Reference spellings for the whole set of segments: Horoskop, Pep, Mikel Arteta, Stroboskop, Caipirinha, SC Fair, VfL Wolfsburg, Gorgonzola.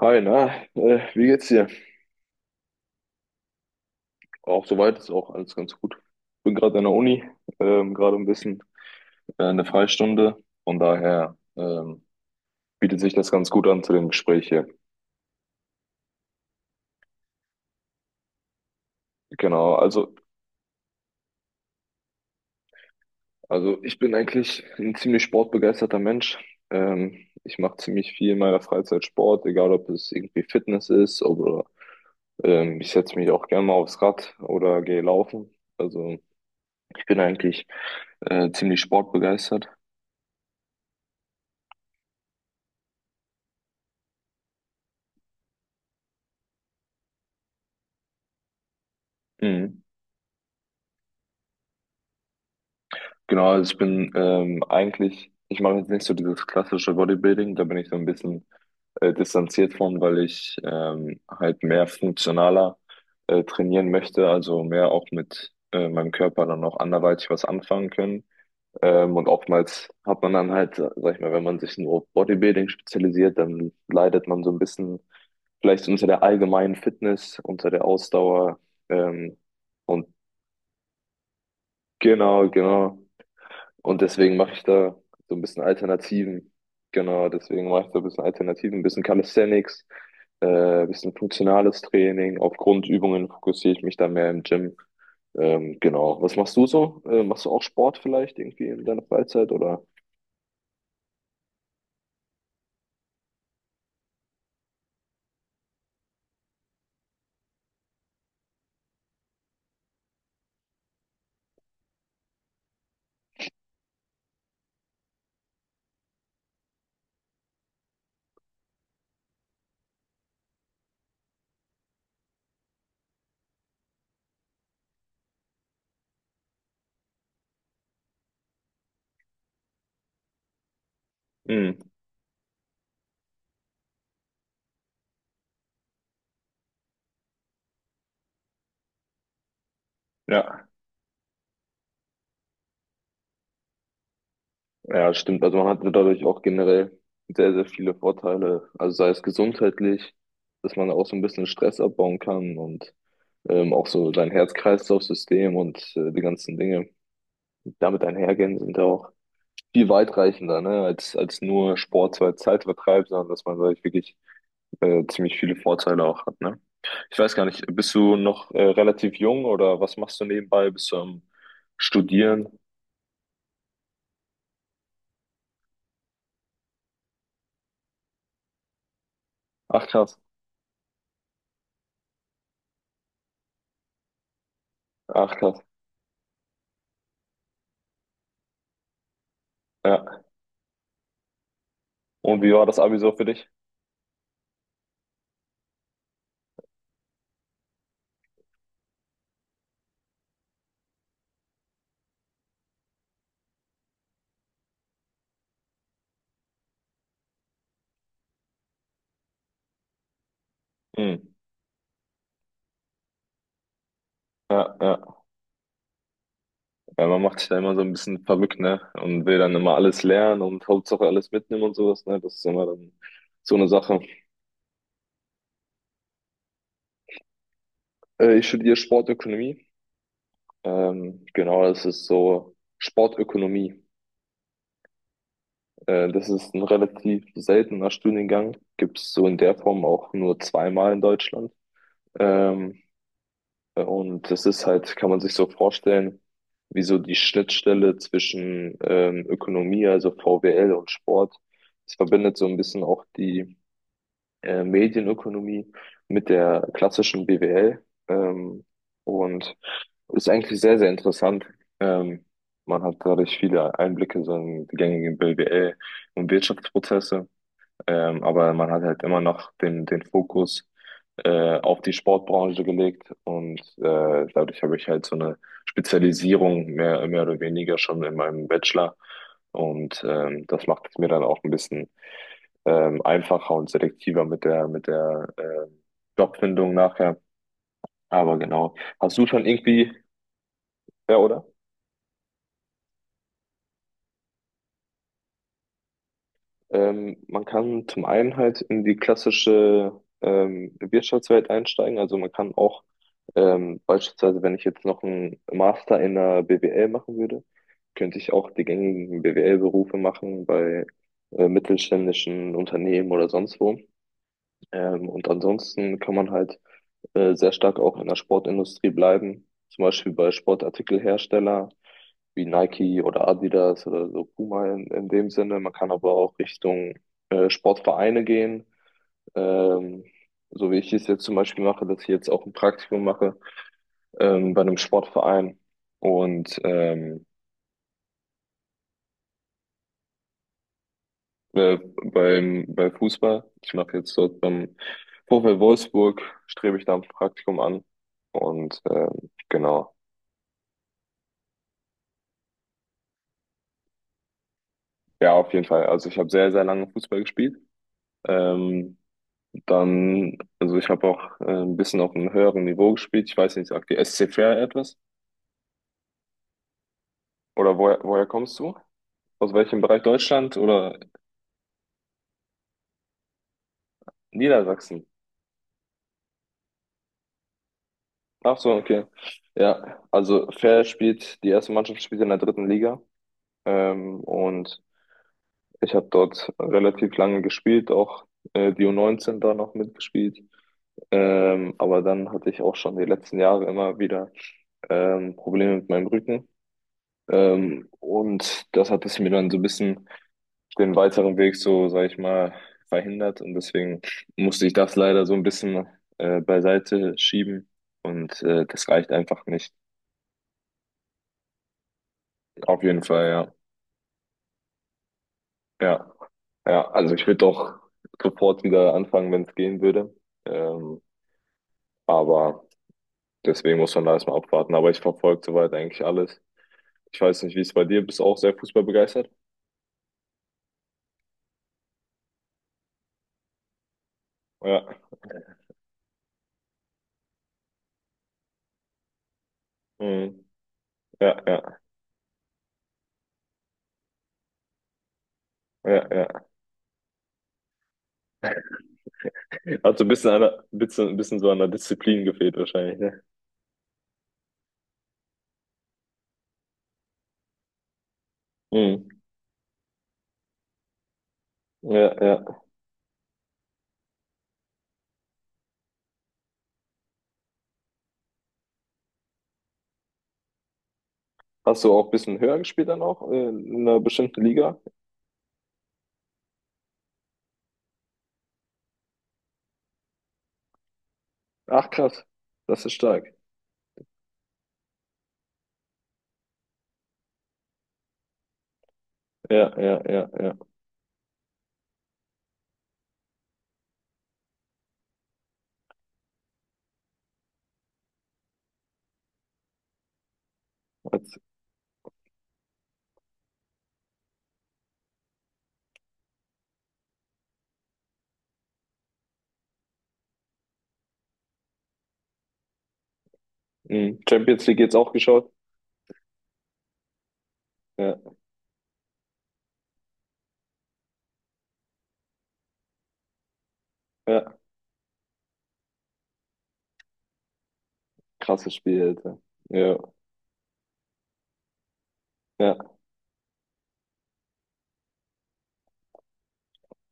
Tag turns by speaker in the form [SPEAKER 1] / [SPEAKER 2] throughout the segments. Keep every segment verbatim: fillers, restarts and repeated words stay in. [SPEAKER 1] Hi, na, äh, wie geht's dir? Auch soweit ist auch alles ganz gut. Bin gerade an der Uni, ähm, gerade ein bisschen äh, eine Freistunde. Von daher ähm, bietet sich das ganz gut an zu dem Gespräch hier. Genau, also, also ich bin eigentlich ein ziemlich sportbegeisterter Mensch. Ähm, ich mache ziemlich viel in meiner Freizeit Sport, egal ob es irgendwie Fitness ist oder ähm, ich setze mich auch gerne mal aufs Rad oder gehe laufen. Also ich bin eigentlich äh, ziemlich sportbegeistert. Mhm. Genau, also ich bin ähm, eigentlich, ich mache jetzt nicht so dieses klassische Bodybuilding, da bin ich so ein bisschen äh, distanziert von, weil ich ähm, halt mehr funktionaler äh, trainieren möchte, also mehr auch mit äh, meinem Körper dann auch anderweitig was anfangen können. Ähm, und oftmals hat man dann halt, äh, sag ich mal, wenn man sich nur auf Bodybuilding spezialisiert, dann leidet man so ein bisschen vielleicht unter der allgemeinen Fitness, unter der Ausdauer. Ähm, und genau, genau. Und deswegen mache ich da so ein bisschen Alternativen. Genau, deswegen mache ich da ein bisschen Alternativen, ein bisschen Calisthenics, äh, ein bisschen funktionales Training. Auf Grundübungen fokussiere ich mich da mehr im Gym. Ähm, genau. Was machst du so? Äh, machst du auch Sport vielleicht irgendwie in deiner Freizeit oder? Hm, ja, ja, stimmt. Also man hat dadurch auch generell sehr, sehr viele Vorteile. Also sei es gesundheitlich, dass man auch so ein bisschen Stress abbauen kann und ähm, auch so sein Herz-Kreislauf-System und äh, die ganzen Dinge damit einhergehen, sind ja auch viel weitreichender, ne, als, als nur Sport so als Zeitvertreib, sondern dass man dadurch wirklich äh, ziemlich viele Vorteile auch hat, ne? Ich weiß gar nicht, bist du noch äh, relativ jung oder was machst du nebenbei? Bist du am Studieren? Ach krass, ach krass, ja. Und wie war das Abi so für dich? Hm. Ja, ja, ja, man macht sich da immer so ein bisschen verrückt, ne? Und will dann immer alles lernen und Hauptsache alles mitnehmen und sowas, ne? Das ist immer dann so eine Sache. Äh, ich studiere Sportökonomie. Ähm, genau, das ist so Sportökonomie. Äh, das ist ein relativ seltener Studiengang. Gibt's so in der Form auch nur zweimal in Deutschland. Ähm, und das ist halt, kann man sich so vorstellen, wie so die Schnittstelle zwischen ähm, Ökonomie, also V W L und Sport. Es verbindet so ein bisschen auch die äh, Medienökonomie mit der klassischen B W L, ähm, und ist eigentlich sehr, sehr interessant. Ähm, Man hat dadurch viele Einblicke so in die gängigen B W L und Wirtschaftsprozesse, ähm, aber man hat halt immer noch den, den Fokus äh, auf die Sportbranche gelegt und äh, dadurch habe ich halt so eine Spezialisierung mehr, mehr oder weniger schon in meinem Bachelor und ähm, das macht es mir dann auch ein bisschen ähm, einfacher und selektiver mit der, mit der ähm, Jobfindung nachher. Aber genau. Hast du schon irgendwie, ja, oder? Ähm, man kann zum einen halt in die klassische ähm, Wirtschaftswelt einsteigen. Also man kann auch ähm, beispielsweise, wenn ich jetzt noch einen Master in der B W L machen würde, könnte ich auch die gängigen B W L-Berufe machen bei äh, mittelständischen Unternehmen oder sonst wo. Ähm, und ansonsten kann man halt äh, sehr stark auch in der Sportindustrie bleiben. Zum Beispiel bei Sportartikelhersteller wie Nike oder Adidas oder so Puma in, in dem Sinne. Man kann aber auch Richtung äh, Sportvereine gehen. Ähm, so wie ich es jetzt zum Beispiel mache, dass ich jetzt auch ein Praktikum mache ähm, bei einem Sportverein und ähm, äh, beim, bei Fußball. Ich mache jetzt dort beim VfL Wolfsburg, strebe ich da ein Praktikum an und ähm, genau. Ja, auf jeden Fall. Also ich habe sehr, sehr lange Fußball gespielt. Ähm, Dann, also ich habe auch äh, ein bisschen auf einem höheren Niveau gespielt. Ich weiß nicht, sagt die S C Fair etwas? Oder woher, woher kommst du? Aus welchem Bereich Deutschland oder Niedersachsen? Ach so, okay. Ja, also Fair spielt, die erste Mannschaft spielt in der dritten Liga. Ähm, und ich habe dort relativ lange gespielt, auch äh, die U neunzehn da noch mitgespielt. Ähm, aber dann hatte ich auch schon die letzten Jahre immer wieder ähm, Probleme mit meinem Rücken. Ähm, und das hat es mir dann so ein bisschen den weiteren Weg so, sag ich mal, verhindert. Und deswegen musste ich das leider so ein bisschen äh, beiseite schieben. Und äh, das reicht einfach nicht. Auf jeden Fall, ja. Ja, ja. Also ich würde doch sofort wieder anfangen, wenn es gehen würde. Ähm, aber deswegen muss man da erstmal abwarten. Aber ich verfolge soweit eigentlich alles. Ich weiß nicht, wie es bei dir bist, du auch sehr fußballbegeistert. Ja. Mhm. Ja, ja, ja, ja. Hat so ein bisschen, an der, ein bisschen, ein bisschen so an der Disziplin gefehlt wahrscheinlich, ne? Mhm. Ja, ja. Hast du auch ein bisschen höher gespielt dann auch äh, in einer bestimmten Liga? Ach krass, das ist stark. Ja, ja, ja, ja. Als, mhm. Champions League jetzt auch geschaut? Ja, ja. Krasses Spiel, Alter. Ja, ja.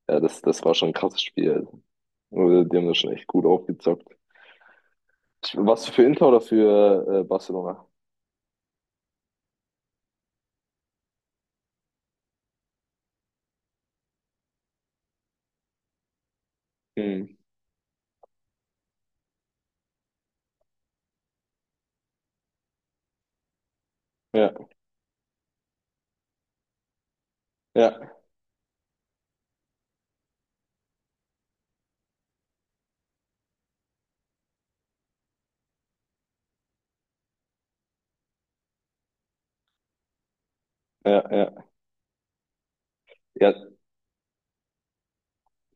[SPEAKER 1] Ja, das, das war schon ein krasses Spiel, Alter. Äh, Die haben das schon echt gut aufgezockt. Ich- Warst du für Inter oder für äh, Barcelona? Mhm. Ja, ja, ja, ja, ja,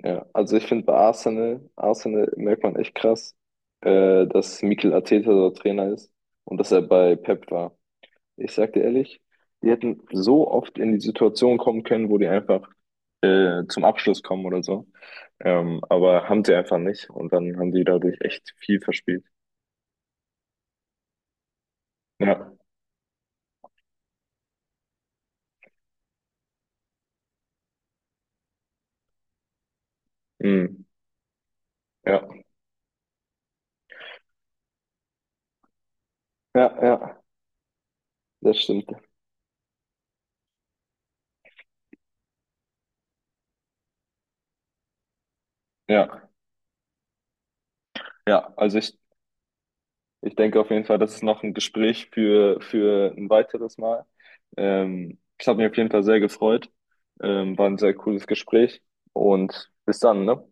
[SPEAKER 1] ja. Also ich finde bei Arsenal, Arsenal merkt man echt krass, äh, dass Mikel Arteta dort Trainer ist und dass er bei Pep war. Ich sag dir ehrlich, die hätten so oft in die Situation kommen können, wo die einfach äh, zum Abschluss kommen oder so. Ähm, aber haben sie einfach nicht und dann haben die dadurch echt viel verspielt. Ja, mhm. Ja, ja, ja, das stimmt. Ja, ja, also ich Ich denke auf jeden Fall, das ist noch ein Gespräch für, für ein weiteres Mal. Ähm, ich habe mich auf jeden Fall sehr gefreut. Ähm, war ein sehr cooles Gespräch und bis dann, ne?